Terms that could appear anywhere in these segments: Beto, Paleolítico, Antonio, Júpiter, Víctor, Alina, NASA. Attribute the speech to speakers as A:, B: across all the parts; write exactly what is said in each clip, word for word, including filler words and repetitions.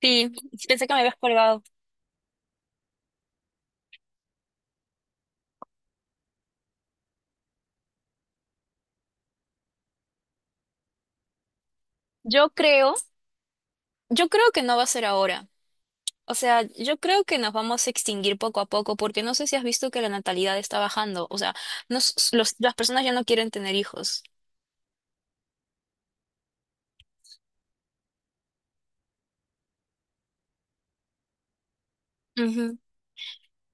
A: Sí, sí, pensé que me habías colgado. Yo creo, yo creo que no va a ser ahora. O sea, yo creo que nos vamos a extinguir poco a poco porque no sé si has visto que la natalidad está bajando. O sea, nos- los- las personas ya no quieren tener hijos. Ujú.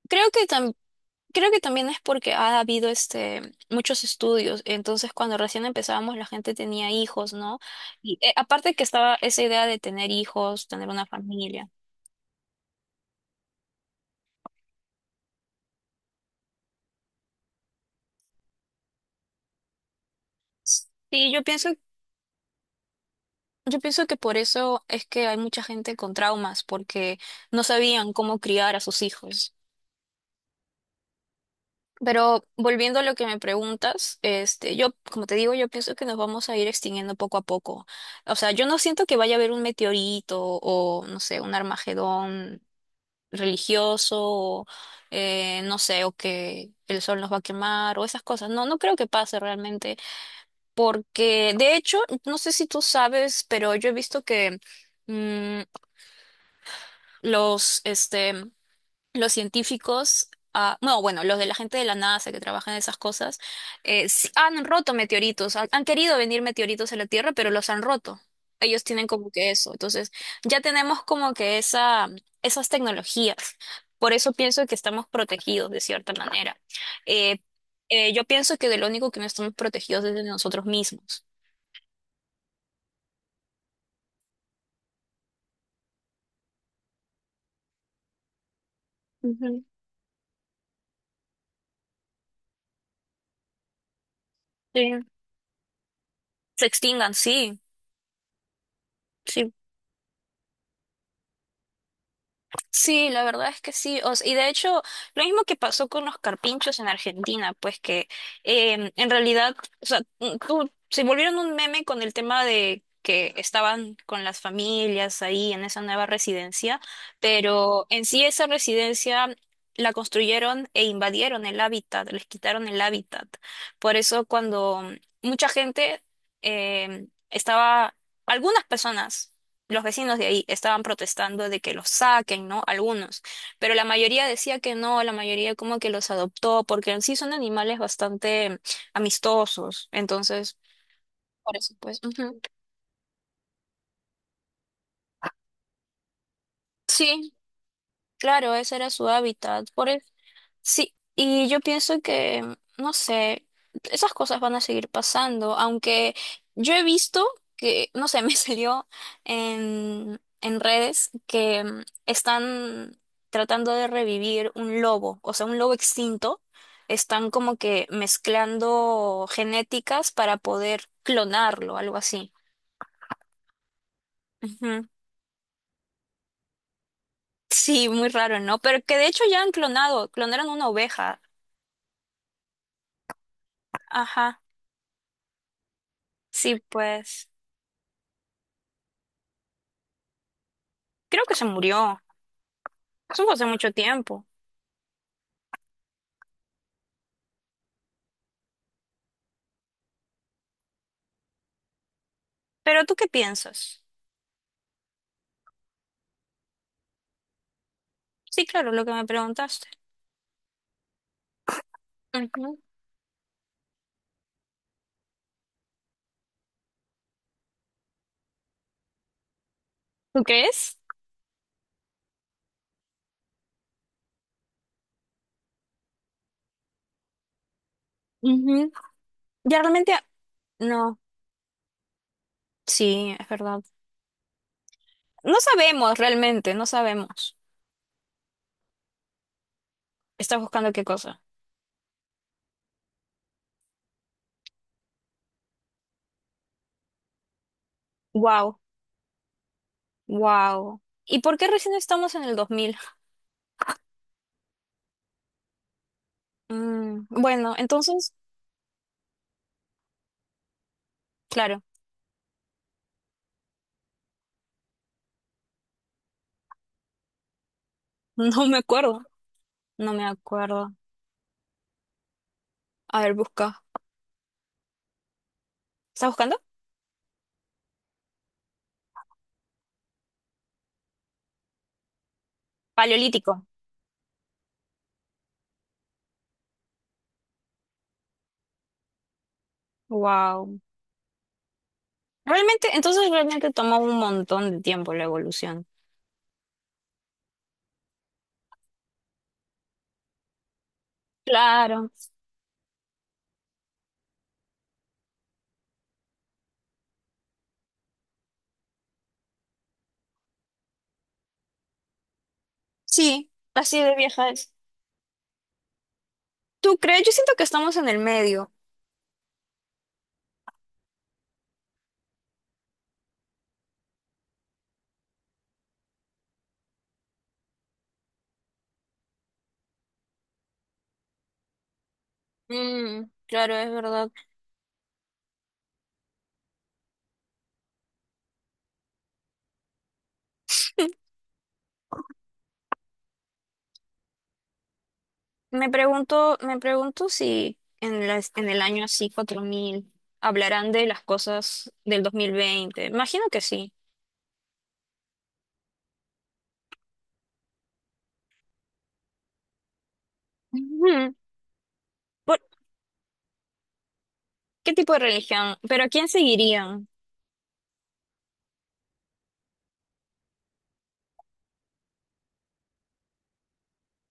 A: Creo que tam- Creo que también es porque ha habido este muchos estudios. Entonces, cuando recién empezábamos, la gente tenía hijos, ¿no? Y eh, aparte que estaba esa idea de tener hijos, tener una familia. Sí, yo pienso Yo pienso que por eso es que hay mucha gente con traumas, porque no sabían cómo criar a sus hijos. Pero volviendo a lo que me preguntas, este, yo, como te digo, yo pienso que nos vamos a ir extinguiendo poco a poco. O sea, yo no siento que vaya a haber un meteorito o, no sé, un Armagedón religioso, o, eh, no sé, o que el sol nos va a quemar o esas cosas. No, no creo que pase realmente, porque de hecho, no sé si tú sabes, pero yo he visto que mm, los, este, los científicos, ah, no, bueno, los de la gente de la NASA que trabajan en esas cosas, eh, sí han roto meteoritos, han, han querido venir meteoritos a la Tierra, pero los han roto. Ellos tienen como que eso. Entonces, ya tenemos como que esa, esas tecnologías. Por eso pienso que estamos protegidos de cierta manera. Eh, eh, yo pienso que de lo único que no estamos protegidos es de nosotros mismos. Ujú, sí. Se extingan, sí. Sí, sí, la verdad es que sí. O s- y de hecho, lo mismo que pasó con los carpinchos en Argentina, pues que em, en realidad, o sea, mm, tú- se volvieron un meme con el tema de que estaban con las familias ahí en esa nueva residencia, pero en sí esa residencia la construyeron e invadieron el hábitat, les quitaron el hábitat. Por eso cuando mucha gente em, estaba, algunas personas los vecinos de ahí estaban protestando de que los saquen, ¿no? Algunos, pero la mayoría decía que no, la mayoría como que los adoptó, porque en sí son animales bastante amistosos, entonces, por eso pues, ujú. Sí, claro, ese era su hábitat, por eso. Sí, y yo pienso que, no sé, esas cosas van a seguir pasando, aunque yo he visto que, no sé, me salió en, en redes que mm, están tratando de revivir un lobo, o sea, un lobo extinto, están como que mezclando genéticas para poder clonarlo, algo así. Ujú. Sí, muy raro, ¿no? Pero que de hecho ya han clonado, clonaron una oveja. Ajá, sí, pues, creo que se murió. Eso fue hace mucho tiempo. Pero ¿tú qué piensas? Sí, claro, lo que me preguntaste. Ujú. ¿Tú crees? Ujú. Ya realmente, no, sí, es verdad. No sabemos realmente, no sabemos. ¿Estás buscando qué cosa? Wow, wow. ¿Y por qué recién estamos en el dos mil? Mm, bueno, entonces, claro, no me acuerdo, no me acuerdo. A ver, busca. ¿Estás buscando? Paleolítico. Wow. Realmente, entonces realmente tomó un montón de tiempo la evolución. Claro. Sí, así de vieja es. ¿Tú crees? Yo siento que estamos en el medio. Mm, claro, es verdad. Me pregunto, me pregunto si en las- en el año así, cuatro mil hablarán de las cosas del dos mil veinte. Imagino que sí. Ujú. ¿Por qué tipo de religión? ¿Pero a quién seguirían?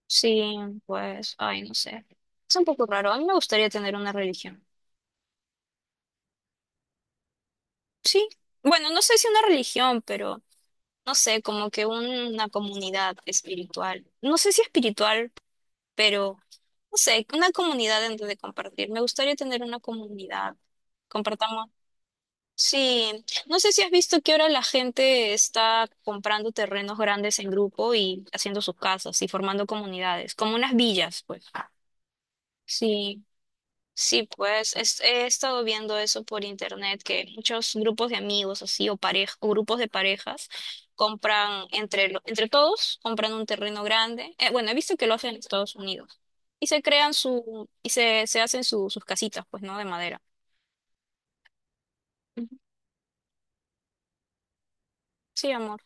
A: Sí, pues, ay, no sé. Es un poco raro. A mí me gustaría tener una religión. Sí. Bueno, no sé si una religión, pero no sé, como que una comunidad espiritual. No sé si espiritual, pero no sé, una comunidad en donde compartir. Me gustaría tener una comunidad. Compartamos. Sí, no sé si has visto que ahora la gente está comprando terrenos grandes en grupo y haciendo sus casas y formando comunidades, como unas villas, pues. Sí. Sí, pues es- he estado viendo eso por internet, que muchos grupos de amigos así o pareja, o grupos de parejas compran entre, lo- entre todos, compran un terreno grande. Eh, bueno, he visto que lo hacen en Estados Unidos. Y se crean su, y se, se hacen su- sus casitas, pues, ¿no? De madera. Ujú. Sí, amor.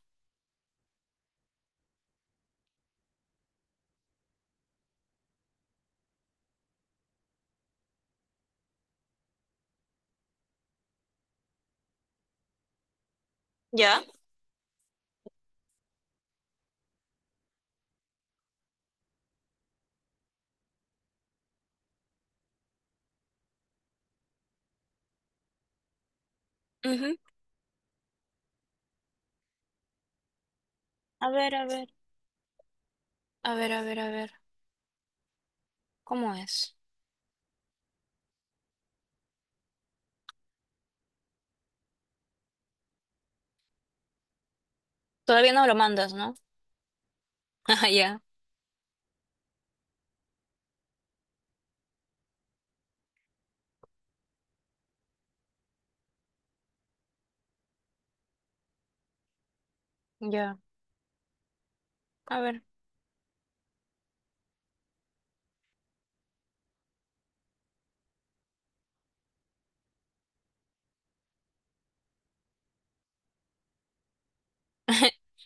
A: ¿Ya? Ujú. A ver, a ver, a ver, a ver, a ver. ¿Cómo es? Todavía no lo mandas, ¿no? Ah, ya, ya. A ver.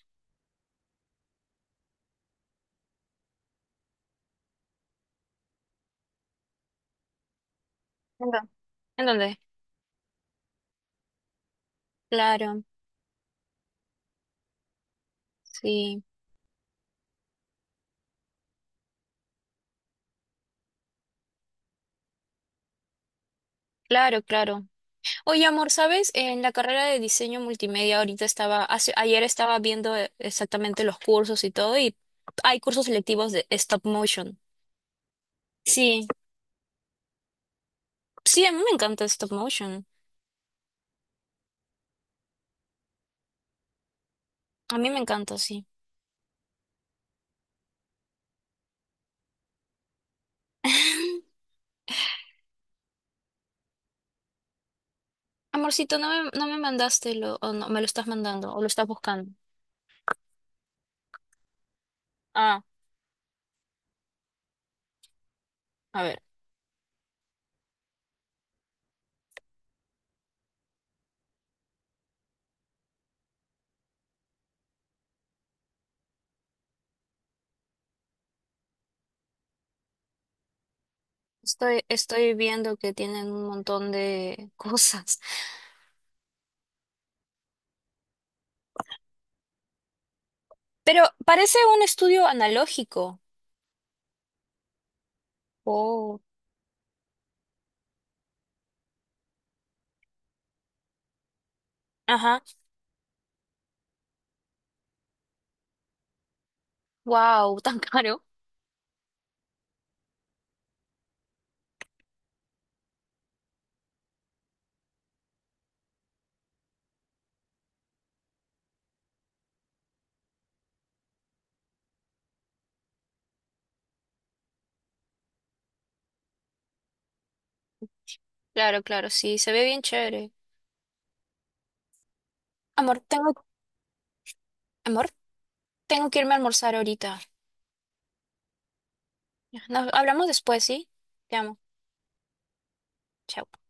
A: ¿En dó- en dónde? Claro, sí. Claro, claro. Oye, amor, ¿sabes? En la carrera de diseño multimedia ahorita estaba, hace- ayer estaba viendo eh, exactamente los cursos y todo, y hay cursos selectivos de stop motion. Sí, sí, a mí me encanta stop motion. A mí me encanta, sí. Amorcito, no me, no me mandaste lo, o no, me lo estás mandando, o lo estás buscando. Ah, a ver. Estoy, estoy viendo que tienen un montón de cosas. Pero parece un estudio analógico. Oh. Ajá. Wow, tan caro. Claro, claro, sí, se ve bien chévere. Amor, tengo, amor, tengo que irme a almorzar ahorita. Nos hablamos después, ¿sí? Te amo. Chao.